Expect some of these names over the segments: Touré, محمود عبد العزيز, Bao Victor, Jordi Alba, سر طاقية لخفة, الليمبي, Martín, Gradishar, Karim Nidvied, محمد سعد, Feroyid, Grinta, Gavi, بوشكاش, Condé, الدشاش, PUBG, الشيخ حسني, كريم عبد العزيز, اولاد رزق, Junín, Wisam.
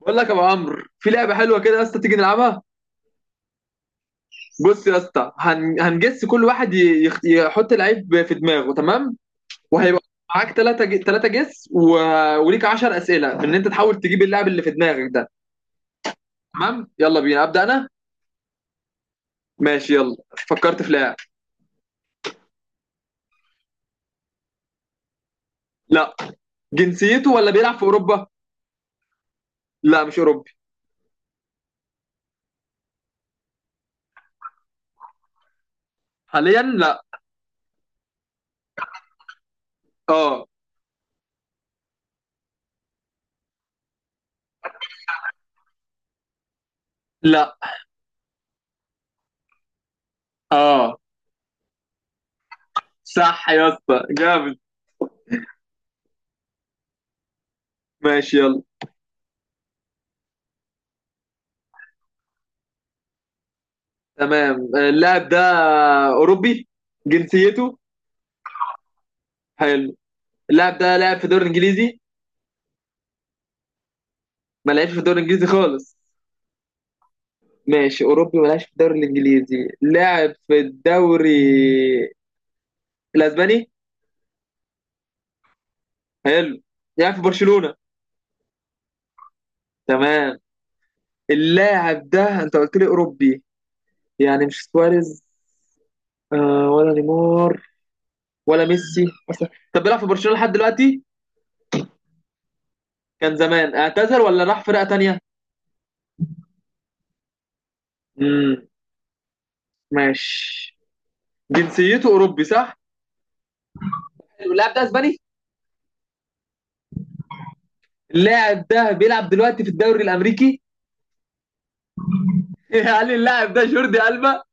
بقول لك يا ابو عمرو في لعبه حلوه كده يا اسطى تيجي نلعبها. بص يا اسطى هنجس كل واحد يحط لعيب في دماغه، تمام؟ وهيبقى معاك ثلاثه جس، وليك 10 اسئله ان انت تحاول تجيب اللاعب اللي في دماغك ده. تمام، يلا بينا، ابدا انا. ماشي يلا. فكرت في لاعب. لا، جنسيته ولا بيلعب في اوروبا؟ لا، مش اوروبي. حاليا لا. اه. لا. اه. صح يا اسطى، جامد. ماشي يلا. تمام، اللاعب ده اوروبي، جنسيته. حلو. اللاعب ده لعب في الدوري الانجليزي؟ ما لعبش في الدوري الانجليزي خالص. ماشي، اوروبي ما لعبش في الدوري الانجليزي، لعب في الدوري الاسباني. حلو، لعب في برشلونة. تمام. اللاعب ده انت قلت لي اوروبي، يعني مش سواريز آه ولا نيمار ولا ميسي اصلا. طب بيلعب في برشلونة لحد دلوقتي؟ كان زمان اعتزل ولا راح فرقة تانية؟ امم ماشي. جنسيته اوروبي صح؟ اللاعب ده اسباني. اللاعب ده بيلعب دلوقتي في الدوري الامريكي؟ قال لي اللاعب ده جوردي ألبا.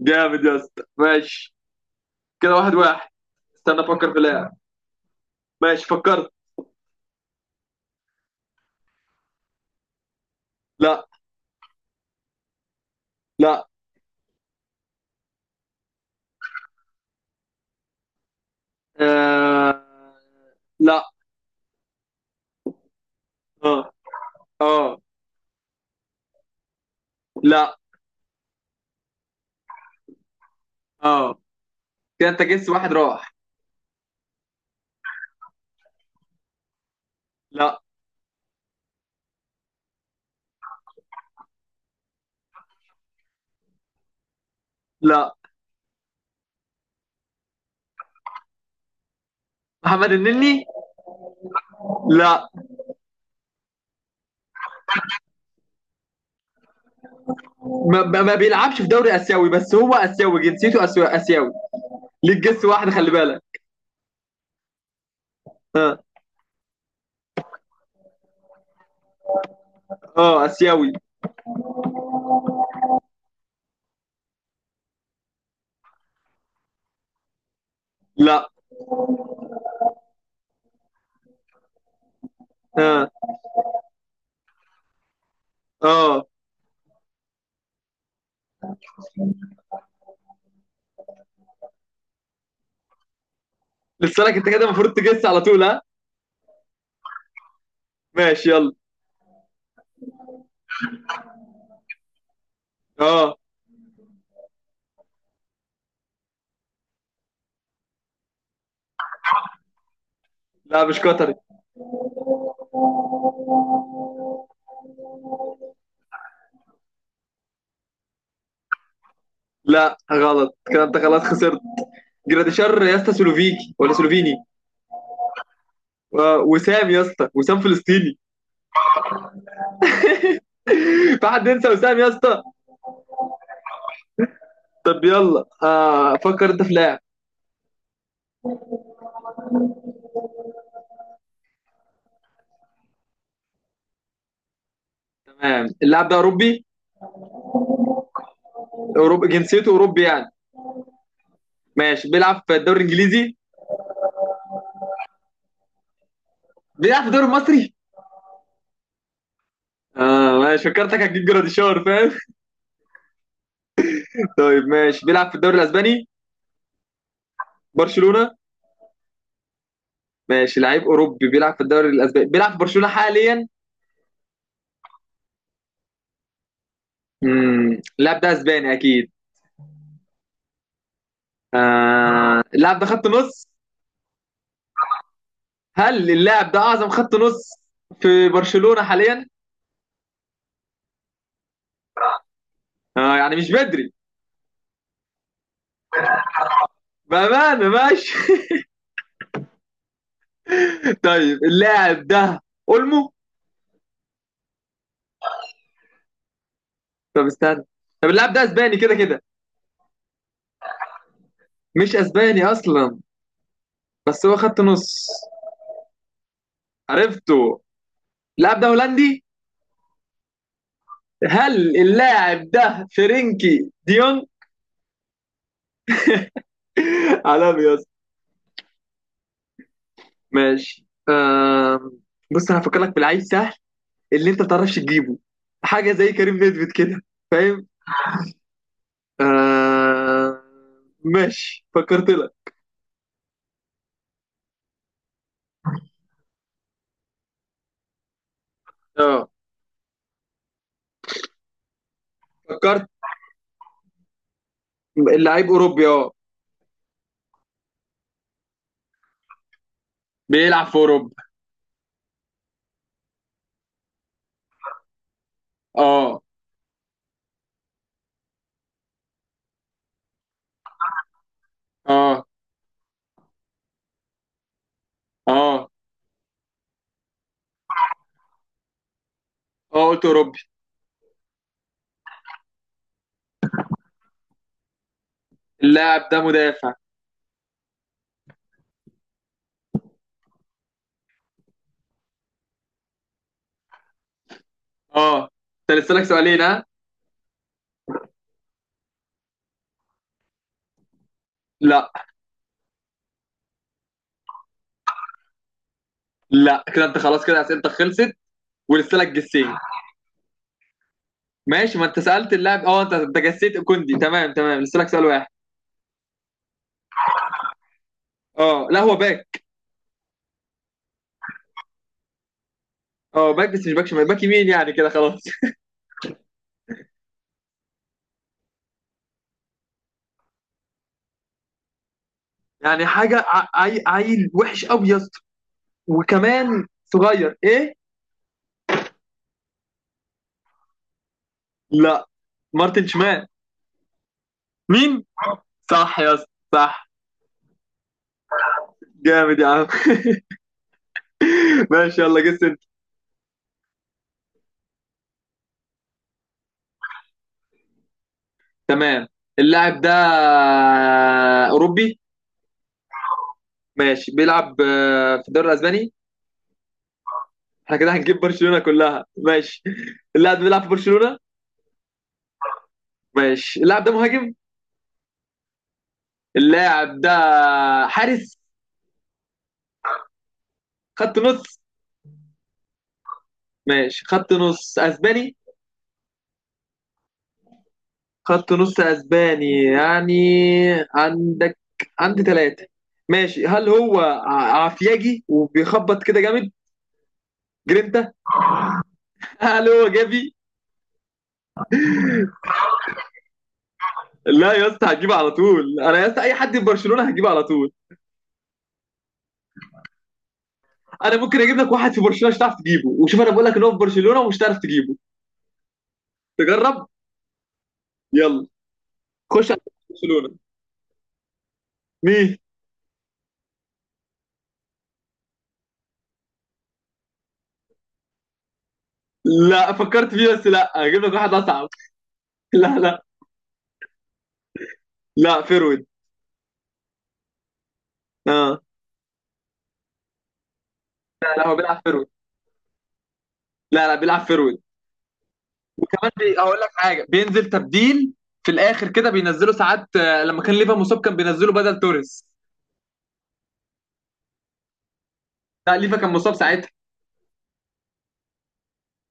جامد يا اسطى، ماشي. كده واحد واحد. استنى افكر في لاعب. ماشي، فكرت. لا. لا. آه... لا. اه. اه. لا. اه كده انت جس واحد راح. لا. لا. محمد النني؟ لا. ما بيلعبش في دوري اسيوي، بس هو اسيوي، جنسيته اسيوي. ليك جس واحد، خلي بالك. اه. اه اسيوي. لا. اه. اه. لسه لك انت كده، المفروض تجس على طول، ها. ماشي يلا. اه. لا مش قطري. لا، غلط كده، انت خلاص خسرت. جراديشار يا اسطى، سلوفيكي ولا سلوفيني. آه، وسام يا اسطى، وسام فلسطيني. في حد ينسى وسام يا اسطى؟ طب يلا، آه، فكر انت في لاعب. تمام، اللاعب ده اوروبي؟ اوروبي، جنسيته اوروبي يعني؟ ماشي، بيلعب في الدوري الانجليزي؟ بيلعب في الدوري المصري؟ اه ماشي، فكرتك هتجيب جراديشار، فاهم؟ طيب ماشي، بيلعب في الدوري الاسباني؟ برشلونة؟ ماشي، لعيب اوروبي بيلعب في الدوري الاسباني، بيلعب في برشلونة حاليا. اللاعب ده اسباني اكيد. آه اللاعب ده خط نص. هل اللاعب ده اعظم خط نص في برشلونة حاليا؟ آه يعني مش بدري. بأمانة ماشي. طيب اللاعب ده اولمو؟ طب استنى، طب اللاعب ده اسباني كده كده؟ مش اسباني اصلا؟ بس هو خط نص. عرفته. اللاعب ده هولندي. هل اللاعب ده فرنكي ديون؟ عالمي يا اسطى. ماشي آه، بص انا هفكر لك في لعيب سهل اللي انت ما بتعرفش تجيبه، حاجه زي كريم نيدفيد كده. آه ماشي، فكرت لك. اه، فكرت. اللعيب اوروبي، اه. بيلعب في اوروبا. اه. اه. اه. اه قلت اوروبي. اللاعب ده مدافع. اه. انت لسه لك سؤالين، ها. لا. لا كده انت خلاص، كده اسئلتك خلصت، ولسه لك جسين. ماشي، ما انت سالت اللاعب، اه انت جسيت كوندي تمام تمام، لسه لك سؤال واحد. اه لا هو باك. اه باك، بس مش باك شمال، باك يمين يعني، كده خلاص. يعني حاجه عيل وحش قوي يا اسطى، وكمان صغير، ايه. لا. مارتن شمال. مين؟ صح يا اسطى. صح. جامد يا عم. ماشي يلا، جس انت. تمام، اللاعب ده اوروبي. ماشي، بيلعب آه، في الدوري الاسباني. احنا كده هنجيب برشلونة كلها ماشي. اللاعب ده بيلعب في برشلونة. ماشي، اللاعب ده مهاجم؟ اللاعب ده حارس؟ خط نص؟ ماشي، خط نص اسباني. خط نص اسباني يعني، عندك، عندي ثلاثة. ماشي، هل هو عفياجي وبيخبط كده جامد، جرينتا؟ هل هو جافي؟ لا يا اسطى، هجيبه على طول انا يا اسطى، اي حد في برشلونة هجيبه على طول. انا ممكن اجيب لك واحد في برشلونة مش هتعرف تجيبه، وشوف انا بقول لك ان هو في برشلونة ومش هتعرف تجيبه. تجرب. يلا، خش على برشلونة. مين؟ لا فكرت فيه، بس لا هجيب لك واحد اصعب. لا لا. لا فيرويد. اه. لا لا، هو بيلعب فيرويد. لا لا، بيلعب فيرويد. كمان هقول لك حاجه، بينزل تبديل في الاخر كده، بينزله ساعات آه، لما كان ليفا مصاب كان بينزله بدل توريس. لا ليفا كان مصاب ساعتها.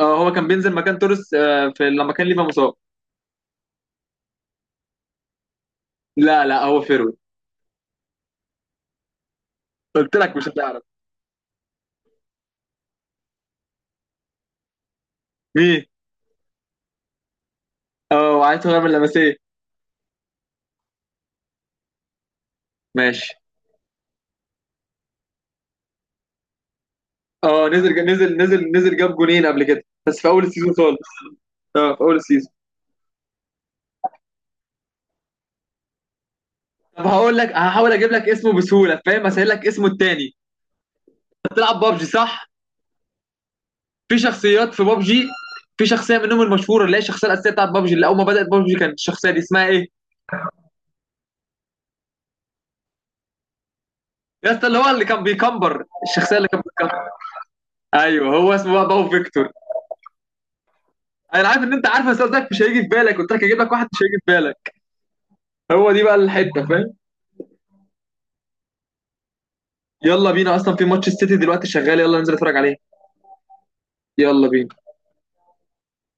اه هو كان بينزل مكان توريس آه، في لما كان ليفا مصاب. لا لا هو فيرويد. قلت لك مش هتعرف. مين؟ اه وعايز هو من لمسيه. ماشي. اه نزل نزل نزل نزل جاب جونين قبل كده، بس في اول السيزون خالص. اه في اول السيزون. طب هقول لك، هحاول اجيب لك اسمه بسهوله، فاهم، اسهل لك اسمه التاني. بتلعب بابجي صح؟ في شخصيات في بابجي. في شخصيه منهم المشهوره، اللي هي الشخصيه الاساسيه بتاعت بابجي، اللي اول ما بدات بابجي كانت الشخصيه دي، اسمها ايه؟ يا اسطى اللي هو اللي كان بيكمبر، الشخصيه اللي كان بيكمبر. ايوه هو اسمه بقى باو فيكتور. انا عارف ان انت عارف، بس قصدك مش هيجي في بالك، قلت لك هجيب لك واحد مش هيجي في بالك. هو دي بقى الحته، فاهم؟ يلا بينا، اصلا في ماتش السيتي دلوقتي شغال، يلا ننزل نتفرج عليه. يلا بينا.